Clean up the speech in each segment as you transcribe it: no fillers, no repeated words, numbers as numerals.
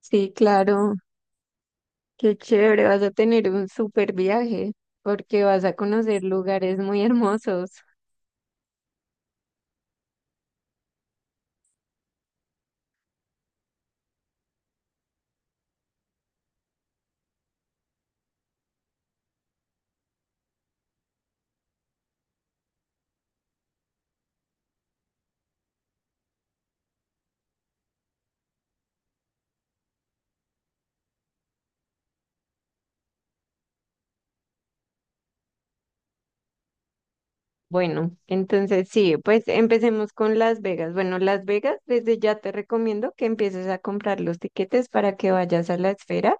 Sí, claro, qué chévere, vas a tener un súper viaje porque vas a conocer lugares muy hermosos. Bueno, entonces sí, pues empecemos con Las Vegas. Bueno, Las Vegas, desde ya te recomiendo que empieces a comprar los tiquetes para que vayas a la esfera,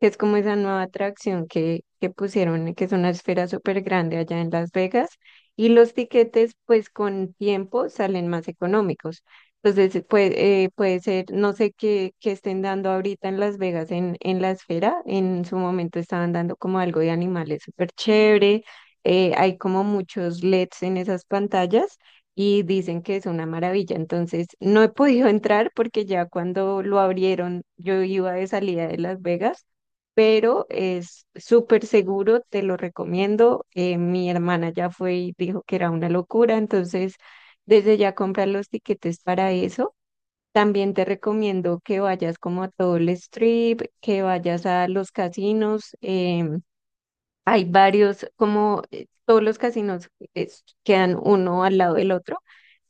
que es como esa nueva atracción que pusieron, que es una esfera súper grande allá en Las Vegas. Y los tiquetes, pues con tiempo salen más económicos. Entonces, pues, puede ser, no sé qué, qué estén dando ahorita en Las Vegas en la esfera. En su momento estaban dando como algo de animales súper chévere. Hay como muchos LEDs en esas pantallas y dicen que es una maravilla. Entonces, no he podido entrar porque ya cuando lo abrieron, yo iba de salida de Las Vegas, pero es súper seguro, te lo recomiendo. Mi hermana ya fue y dijo que era una locura, entonces desde ya comprar los tiquetes para eso. También te recomiendo que vayas como a todo el strip, que vayas a los casinos. Hay varios, como todos los casinos quedan uno al lado del otro,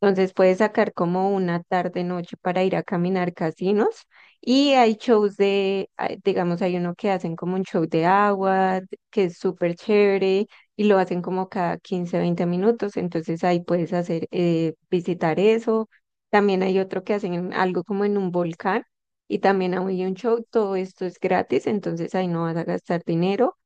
entonces puedes sacar como una tarde, noche para ir a caminar casinos y hay shows de, ah, digamos, hay uno que hacen como un show de agua, que es súper chévere y lo hacen como cada 15 20 minutos, entonces ahí puedes hacer, visitar eso. También hay otro que hacen algo como en un volcán y también hay un show, todo esto es gratis, entonces ahí no vas a gastar dinero.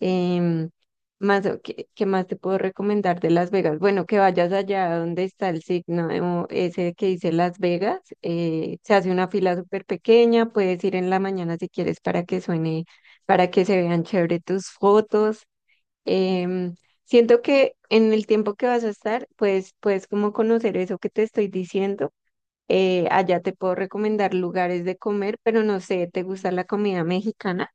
Em, Más, ¿qué, qué más te puedo recomendar de Las Vegas? Bueno, que vayas allá donde está el signo de ese que dice Las Vegas. Se hace una fila súper pequeña, puedes ir en la mañana si quieres para que suene, para que se vean chévere tus fotos. Em, Siento que en el tiempo que vas a estar, pues puedes como conocer eso que te estoy diciendo. Allá te puedo recomendar lugares de comer, pero no sé, ¿te gusta la comida mexicana?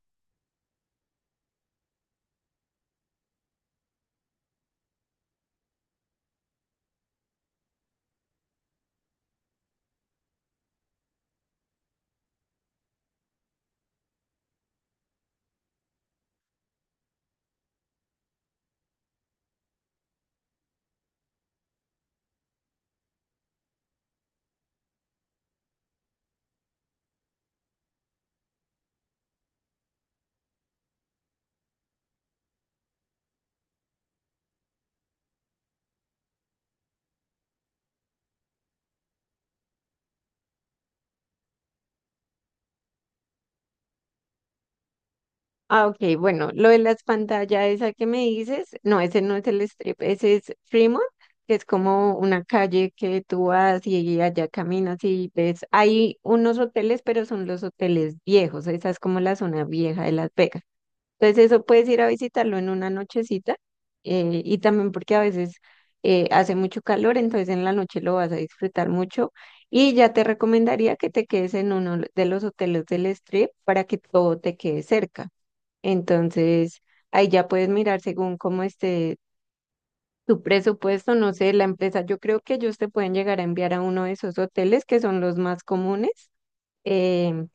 Ah, ok, bueno, lo de las pantallas, esa que me dices, no, ese no es el strip, ese es Fremont, que es como una calle que tú vas y allá caminas y ves, hay unos hoteles, pero son los hoteles viejos, esa es como la zona vieja de Las Vegas. Entonces eso puedes ir a visitarlo en una nochecita, y también porque a veces hace mucho calor, entonces en la noche lo vas a disfrutar mucho y ya te recomendaría que te quedes en uno de los hoteles del strip para que todo te quede cerca. Entonces, ahí ya puedes mirar según cómo esté tu presupuesto, no sé, la empresa. Yo creo que ellos te pueden llegar a enviar a uno de esos hoteles que son los más comunes, eh,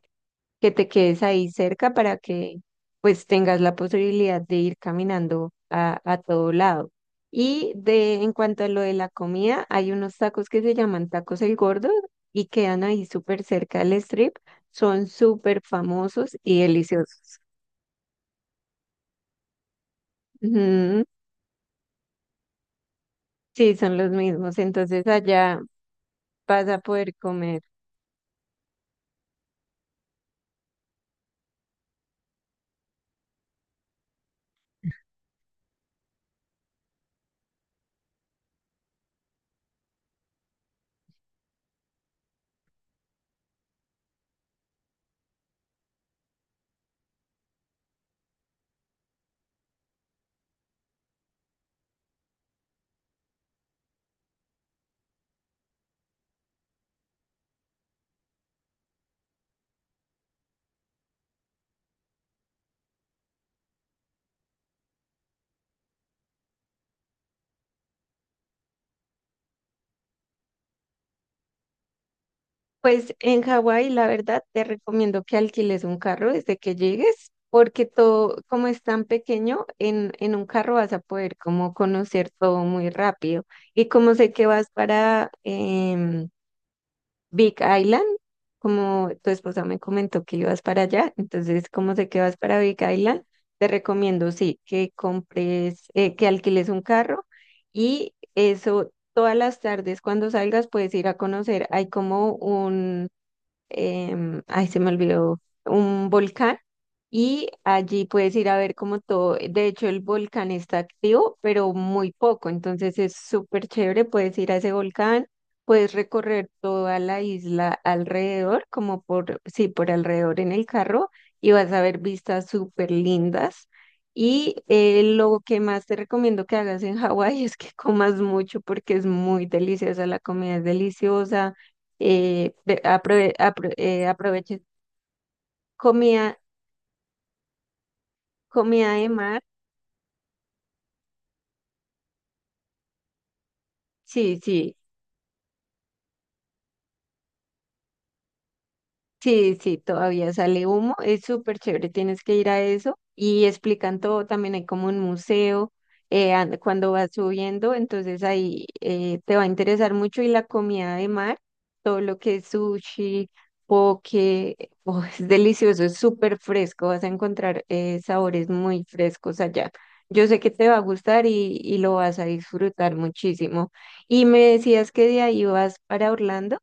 que te quedes ahí cerca para que pues tengas la posibilidad de ir caminando a todo lado. Y de en cuanto a lo de la comida, hay unos tacos que se llaman tacos El Gordo y quedan ahí súper cerca del strip. Son súper famosos y deliciosos. Ujú. Sí, son los mismos. Entonces allá vas a poder comer. Pues en Hawái, la verdad, te recomiendo que alquiles un carro desde que llegues, porque todo, como es tan pequeño, en un carro vas a poder como conocer todo muy rápido. Y como sé que vas para Big Island, como tu esposa me comentó que ibas para allá, entonces como sé que vas para Big Island, te recomiendo, sí, que compres, que alquiles un carro y eso, todas las tardes cuando salgas puedes ir a conocer, hay como ay, se me olvidó, un volcán y allí puedes ir a ver como todo, de hecho el volcán está activo, pero muy poco, entonces es súper chévere, puedes ir a ese volcán, puedes recorrer toda la isla alrededor, como por, sí, por alrededor en el carro y vas a ver vistas súper lindas. Y lo que más te recomiendo que hagas en Hawái es que comas mucho porque es muy deliciosa, la comida es deliciosa. Aprovechen comida, comida de mar. Sí, sí. Sí, sí, todavía sale humo, es súper chévere, tienes que ir a eso y explican todo, también hay como un museo, cuando vas subiendo, entonces ahí te va a interesar mucho y la comida de mar, todo lo que es sushi, poke, oh, es delicioso, es súper fresco, vas a encontrar sabores muy frescos allá. Yo sé que te va a gustar y lo vas a disfrutar muchísimo. Y me decías que de ahí vas para Orlando.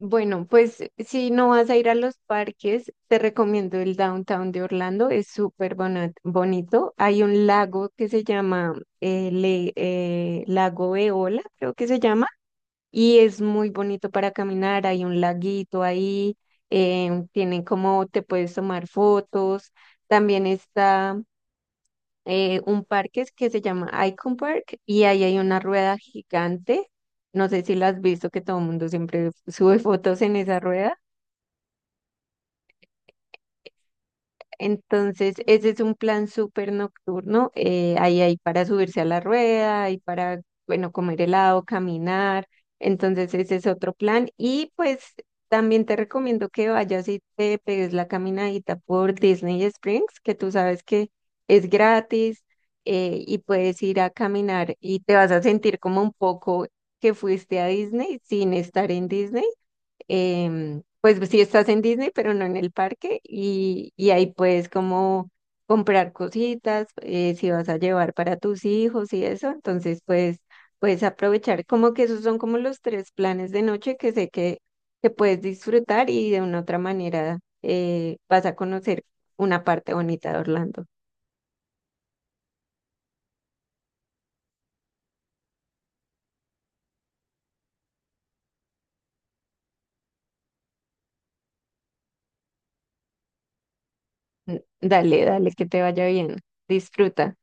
Bueno, pues si no vas a ir a los parques, te recomiendo el downtown de Orlando, es súper bonito. Hay un lago que se llama Lago Eola, creo que se llama, y es muy bonito para caminar. Hay un laguito ahí, tienen como te puedes tomar fotos. También está un parque que se llama Icon Park y ahí hay una rueda gigante. No sé si la has visto, que todo el mundo siempre sube fotos en esa rueda. Entonces, ese es un plan súper nocturno. Ahí hay para subirse a la rueda, hay para, bueno, comer helado, caminar. Entonces, ese es otro plan. Y pues también te recomiendo que vayas y te pegues la caminadita por Disney Springs, que tú sabes que es gratis, y puedes ir a caminar y te vas a sentir como un poco que fuiste a Disney sin estar en Disney. Pues sí estás en Disney, pero no en el parque y ahí puedes como comprar cositas, si vas a llevar para tus hijos y eso, entonces pues puedes aprovechar, como que esos son como los tres planes de noche que sé que puedes disfrutar y de una otra manera vas a conocer una parte bonita de Orlando. Dale, dale, que te vaya bien, disfruta.